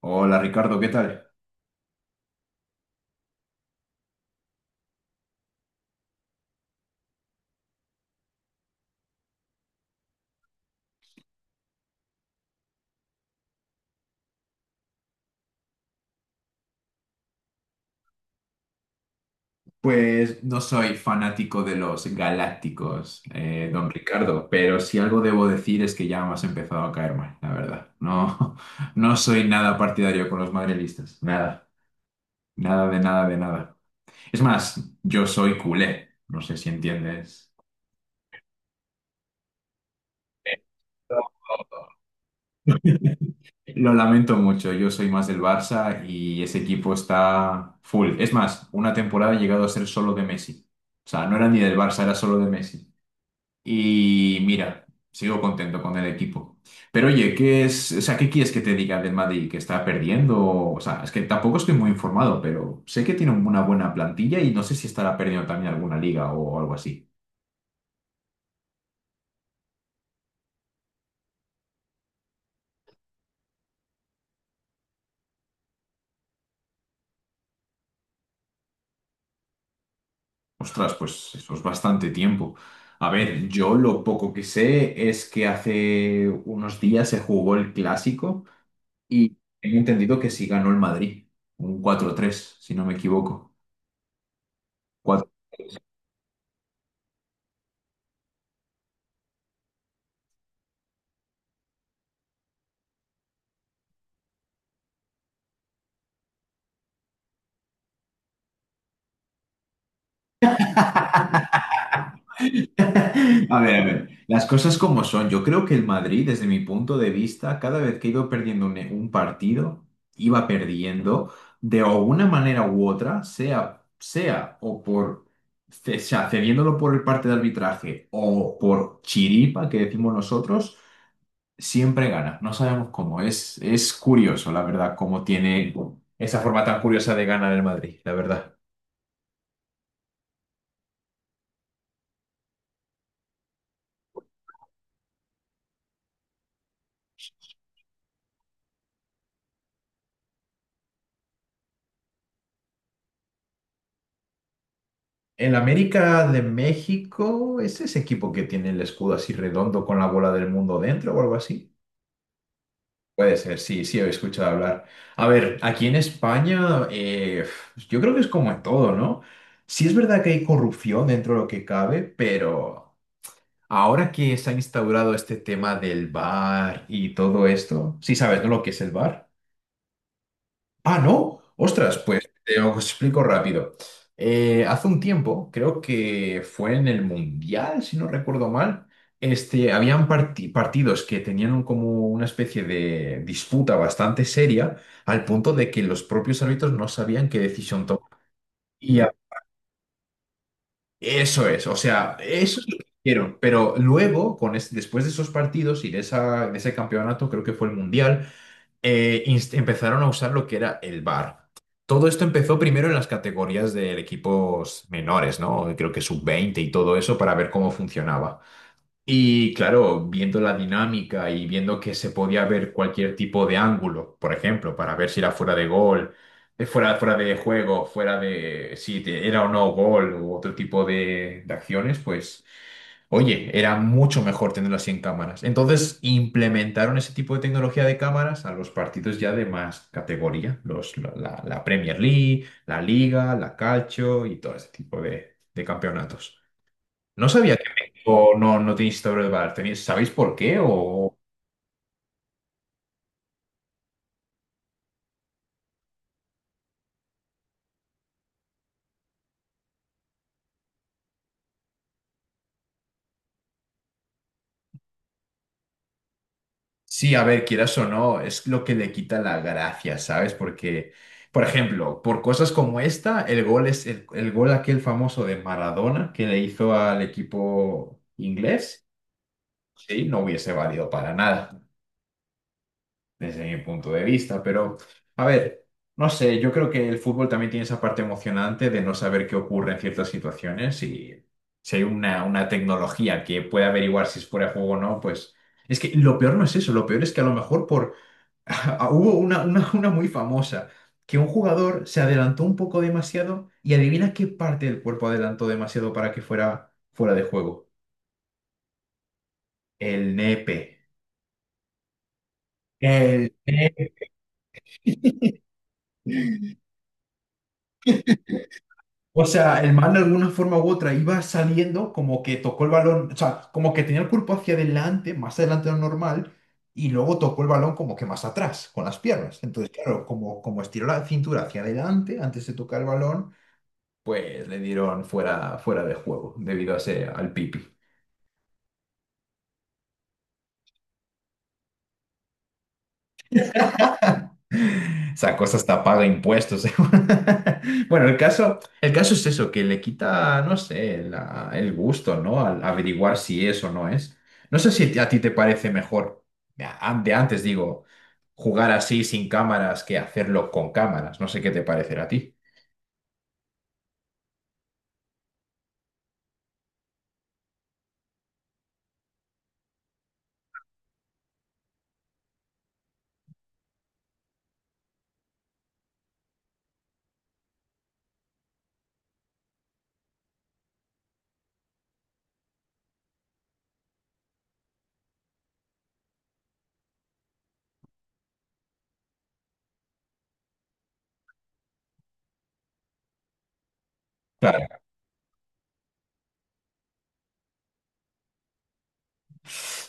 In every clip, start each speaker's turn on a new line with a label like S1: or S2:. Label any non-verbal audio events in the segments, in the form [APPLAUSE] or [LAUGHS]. S1: Hola Ricardo, ¿qué tal? Pues no soy fanático de los galácticos, don Ricardo, pero si algo debo decir es que ya me has empezado a caer mal, la verdad. No, [LAUGHS] no soy nada partidario con los madrilistas, nada, nada de nada de nada. Es más, yo soy culé, no sé si entiendes. Lo lamento mucho, yo soy más del Barça y ese equipo está full. Es más, una temporada he llegado a ser solo de Messi. O sea, no era ni del Barça, era solo de Messi. Y mira, sigo contento con el equipo. Pero oye, ¿qué es, o sea, qué quieres que te diga del Madrid que está perdiendo? O sea, es que tampoco estoy muy informado, pero sé que tiene una buena plantilla y no sé si estará perdiendo también alguna liga o algo así. Ostras, pues eso es bastante tiempo. A ver, yo lo poco que sé es que hace unos días se jugó el clásico y he entendido que sí ganó el Madrid, un cuatro tres si no me equivoco. A ver, las cosas como son. Yo creo que el Madrid, desde mi punto de vista, cada vez que iba perdiendo un partido, iba perdiendo de alguna manera u otra, sea o por, sea, cediéndolo por el parte de arbitraje o por chiripa, que decimos nosotros, siempre gana. No sabemos cómo. Es curioso, la verdad, cómo tiene esa forma tan curiosa de ganar el Madrid, la verdad. El América de México es ese equipo que tiene el escudo así redondo con la bola del mundo dentro o algo así. Puede ser, sí, sí, he escuchado hablar. A ver, aquí en España, yo creo que es como en todo, ¿no? Sí es verdad que hay corrupción dentro de lo que cabe, pero ahora que se ha instaurado este tema del bar y todo esto, sí sabes, ¿no? ¿Lo que es el bar? Ah, ¿no? Ostras, pues te lo explico rápido. Hace un tiempo, creo que fue en el Mundial, si no recuerdo mal, este, habían partidos que tenían como una especie de disputa bastante seria, al punto de que los propios árbitros no sabían qué decisión tomar. Y a- eso es, o sea, eso es lo que hicieron. Pero luego, después de esos partidos y de, esa, de ese campeonato, creo que fue el Mundial empezaron a usar lo que era el VAR. Todo esto empezó primero en las categorías de equipos menores, ¿no? Creo que sub veinte y todo eso para ver cómo funcionaba. Y claro, viendo la dinámica y viendo que se podía ver cualquier tipo de ángulo, por ejemplo, para ver si era fuera de gol, fuera de juego, fuera de si te- era o no gol u otro tipo de acciones, pues oye, era mucho mejor tenerlo así en cámaras. Entonces implementaron ese tipo de tecnología de cámaras a los partidos ya de más categoría, la Premier League, la Liga, la Calcio y todo ese tipo de campeonatos. No sabía que México no tiene historia de VAR. ¿Sabéis por qué? O sí, a ver, quieras o no, es lo que le quita la gracia, ¿sabes? Porque, por ejemplo, por cosas como esta, el gol es el gol aquel famoso de Maradona que le hizo al equipo inglés. Sí, no hubiese valido para nada, desde mi punto de vista, pero a ver, no sé, yo creo que el fútbol también tiene esa parte emocionante de no saber qué ocurre en ciertas situaciones y si hay una tecnología que puede averiguar si es fuera de juego o no, pues es que lo peor no es eso, lo peor es que a lo mejor por... [LAUGHS] Hubo una muy famosa, que un jugador se adelantó un poco demasiado y adivina qué parte del cuerpo adelantó demasiado para que fuera fuera de juego. El nepe. El... O sea, el man de alguna forma u otra iba saliendo como que tocó el balón, o sea, como que tenía el cuerpo hacia adelante, más adelante de lo normal, y luego tocó el balón como que más atrás, con las piernas. Entonces, claro, como estiró la cintura hacia adelante antes de tocar el balón, pues le dieron fuera, fuera de juego debido a ese, al pipi. Esa cosa hasta paga impuestos. [LAUGHS] Bueno, el caso es eso, que le quita, no sé, el gusto, ¿no? Al averiguar si es o no es. No sé si a ti te parece mejor, de antes digo, jugar así sin cámaras que hacerlo con cámaras. No sé qué te parecerá a ti.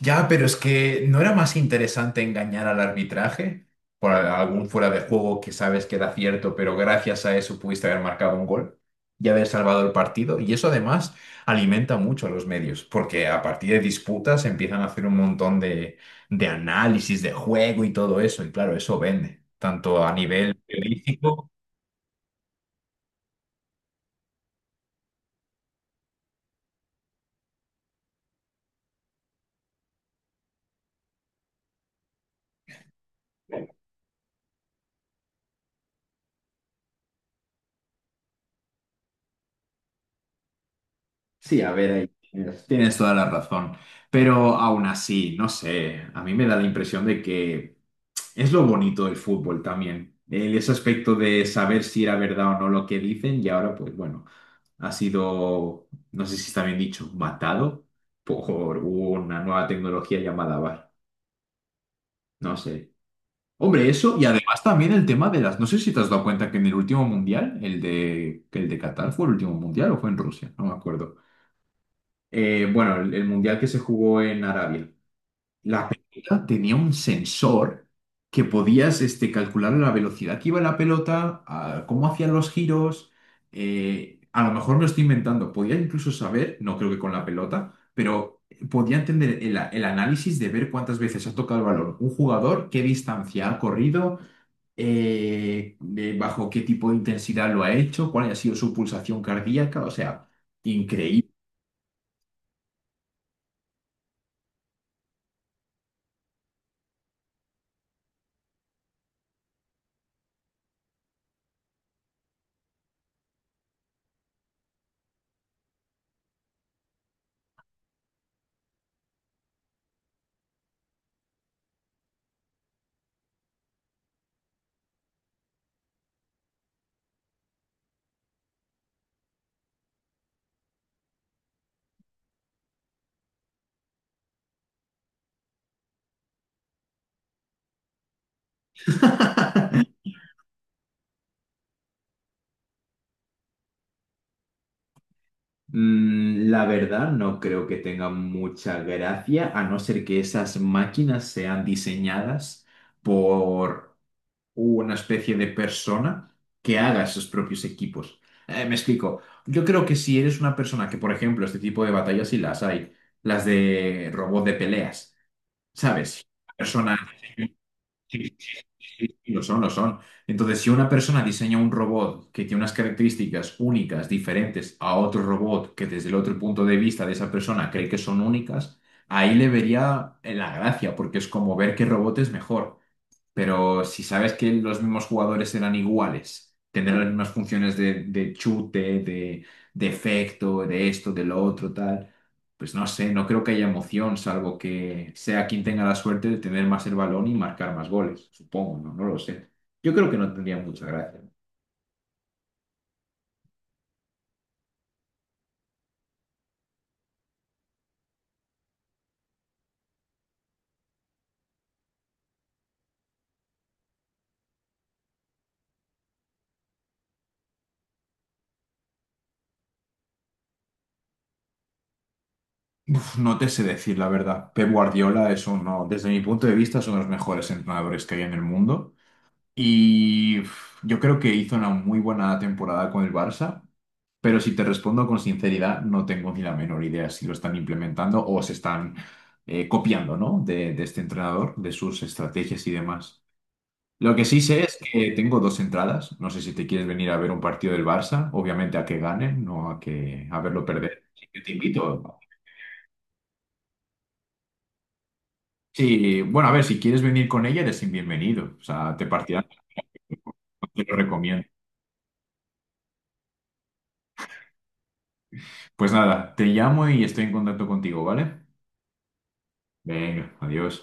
S1: Ya, pero es que ¿no era más interesante engañar al arbitraje por algún fuera de juego que sabes que era cierto, pero gracias a eso pudiste haber marcado un gol y haber salvado el partido? Y eso además alimenta mucho a los medios, porque a partir de disputas empiezan a hacer un montón de análisis de juego y todo eso, y claro, eso vende, tanto a nivel periodístico. Sí, a ver, ahí tienes toda la razón. Pero aún así, no sé, a mí me da la impresión de que es lo bonito del fútbol también, el, ese aspecto de saber si era verdad o no lo que dicen y ahora pues bueno, ha sido, no sé si está bien dicho, matado por una nueva tecnología llamada VAR, no sé. Hombre, eso y además también el tema de las, no sé si te has dado cuenta que en el último mundial, el de Qatar fue el último mundial o fue en Rusia, no me acuerdo. Bueno, el mundial que se jugó en Arabia. La pelota tenía un sensor que podías este, calcular la velocidad que iba la pelota, a cómo hacían los giros. A lo mejor me lo estoy inventando. Podía incluso saber, no creo que con la pelota, pero podía entender el análisis de ver cuántas veces ha tocado el balón un jugador, qué distancia ha corrido, de bajo qué tipo de intensidad lo ha hecho, cuál ha sido su pulsación cardíaca. O sea, increíble. [LAUGHS] La verdad, no creo que tenga mucha gracia, a no ser que esas máquinas sean diseñadas por una especie de persona que haga sus propios equipos. Me explico. Yo creo que si eres una persona que, por ejemplo, este tipo de batallas sí las hay, las de robot de peleas, ¿sabes? Persona... Sí, sí, lo son, lo son. Entonces, si una persona diseña un robot que tiene unas características únicas, diferentes a otro robot que desde el otro punto de vista de esa persona cree que son únicas, ahí le vería la gracia, porque es como ver qué robot es mejor. Pero si sabes que los mismos jugadores eran iguales, tendrán las mismas funciones de chute, de efecto, de esto, de lo otro, tal, pues no sé, no creo que haya emoción, salvo que sea quien tenga la suerte de tener más el balón y marcar más goles, supongo, no, no lo sé. Yo creo que no tendría mucha gracia. Uf, no te sé decir la verdad. Pep Guardiola es uno, desde mi punto de vista, es uno de los mejores entrenadores que hay en el mundo. Y uf, yo creo que hizo una muy buena temporada con el Barça, pero si te respondo con sinceridad, no tengo ni la menor idea si lo están implementando o se están copiando, ¿no? De este entrenador, de sus estrategias y demás. Lo que sí sé es que tengo dos entradas. No sé si te quieres venir a ver un partido del Barça, obviamente a que gane, no a que a verlo perder. Así que te invito. Sí, bueno, a ver, si quieres venir con ella, eres bienvenido. O sea, te partirán, te lo recomiendo. Pues nada, te llamo y estoy en contacto contigo, ¿vale? Venga, adiós.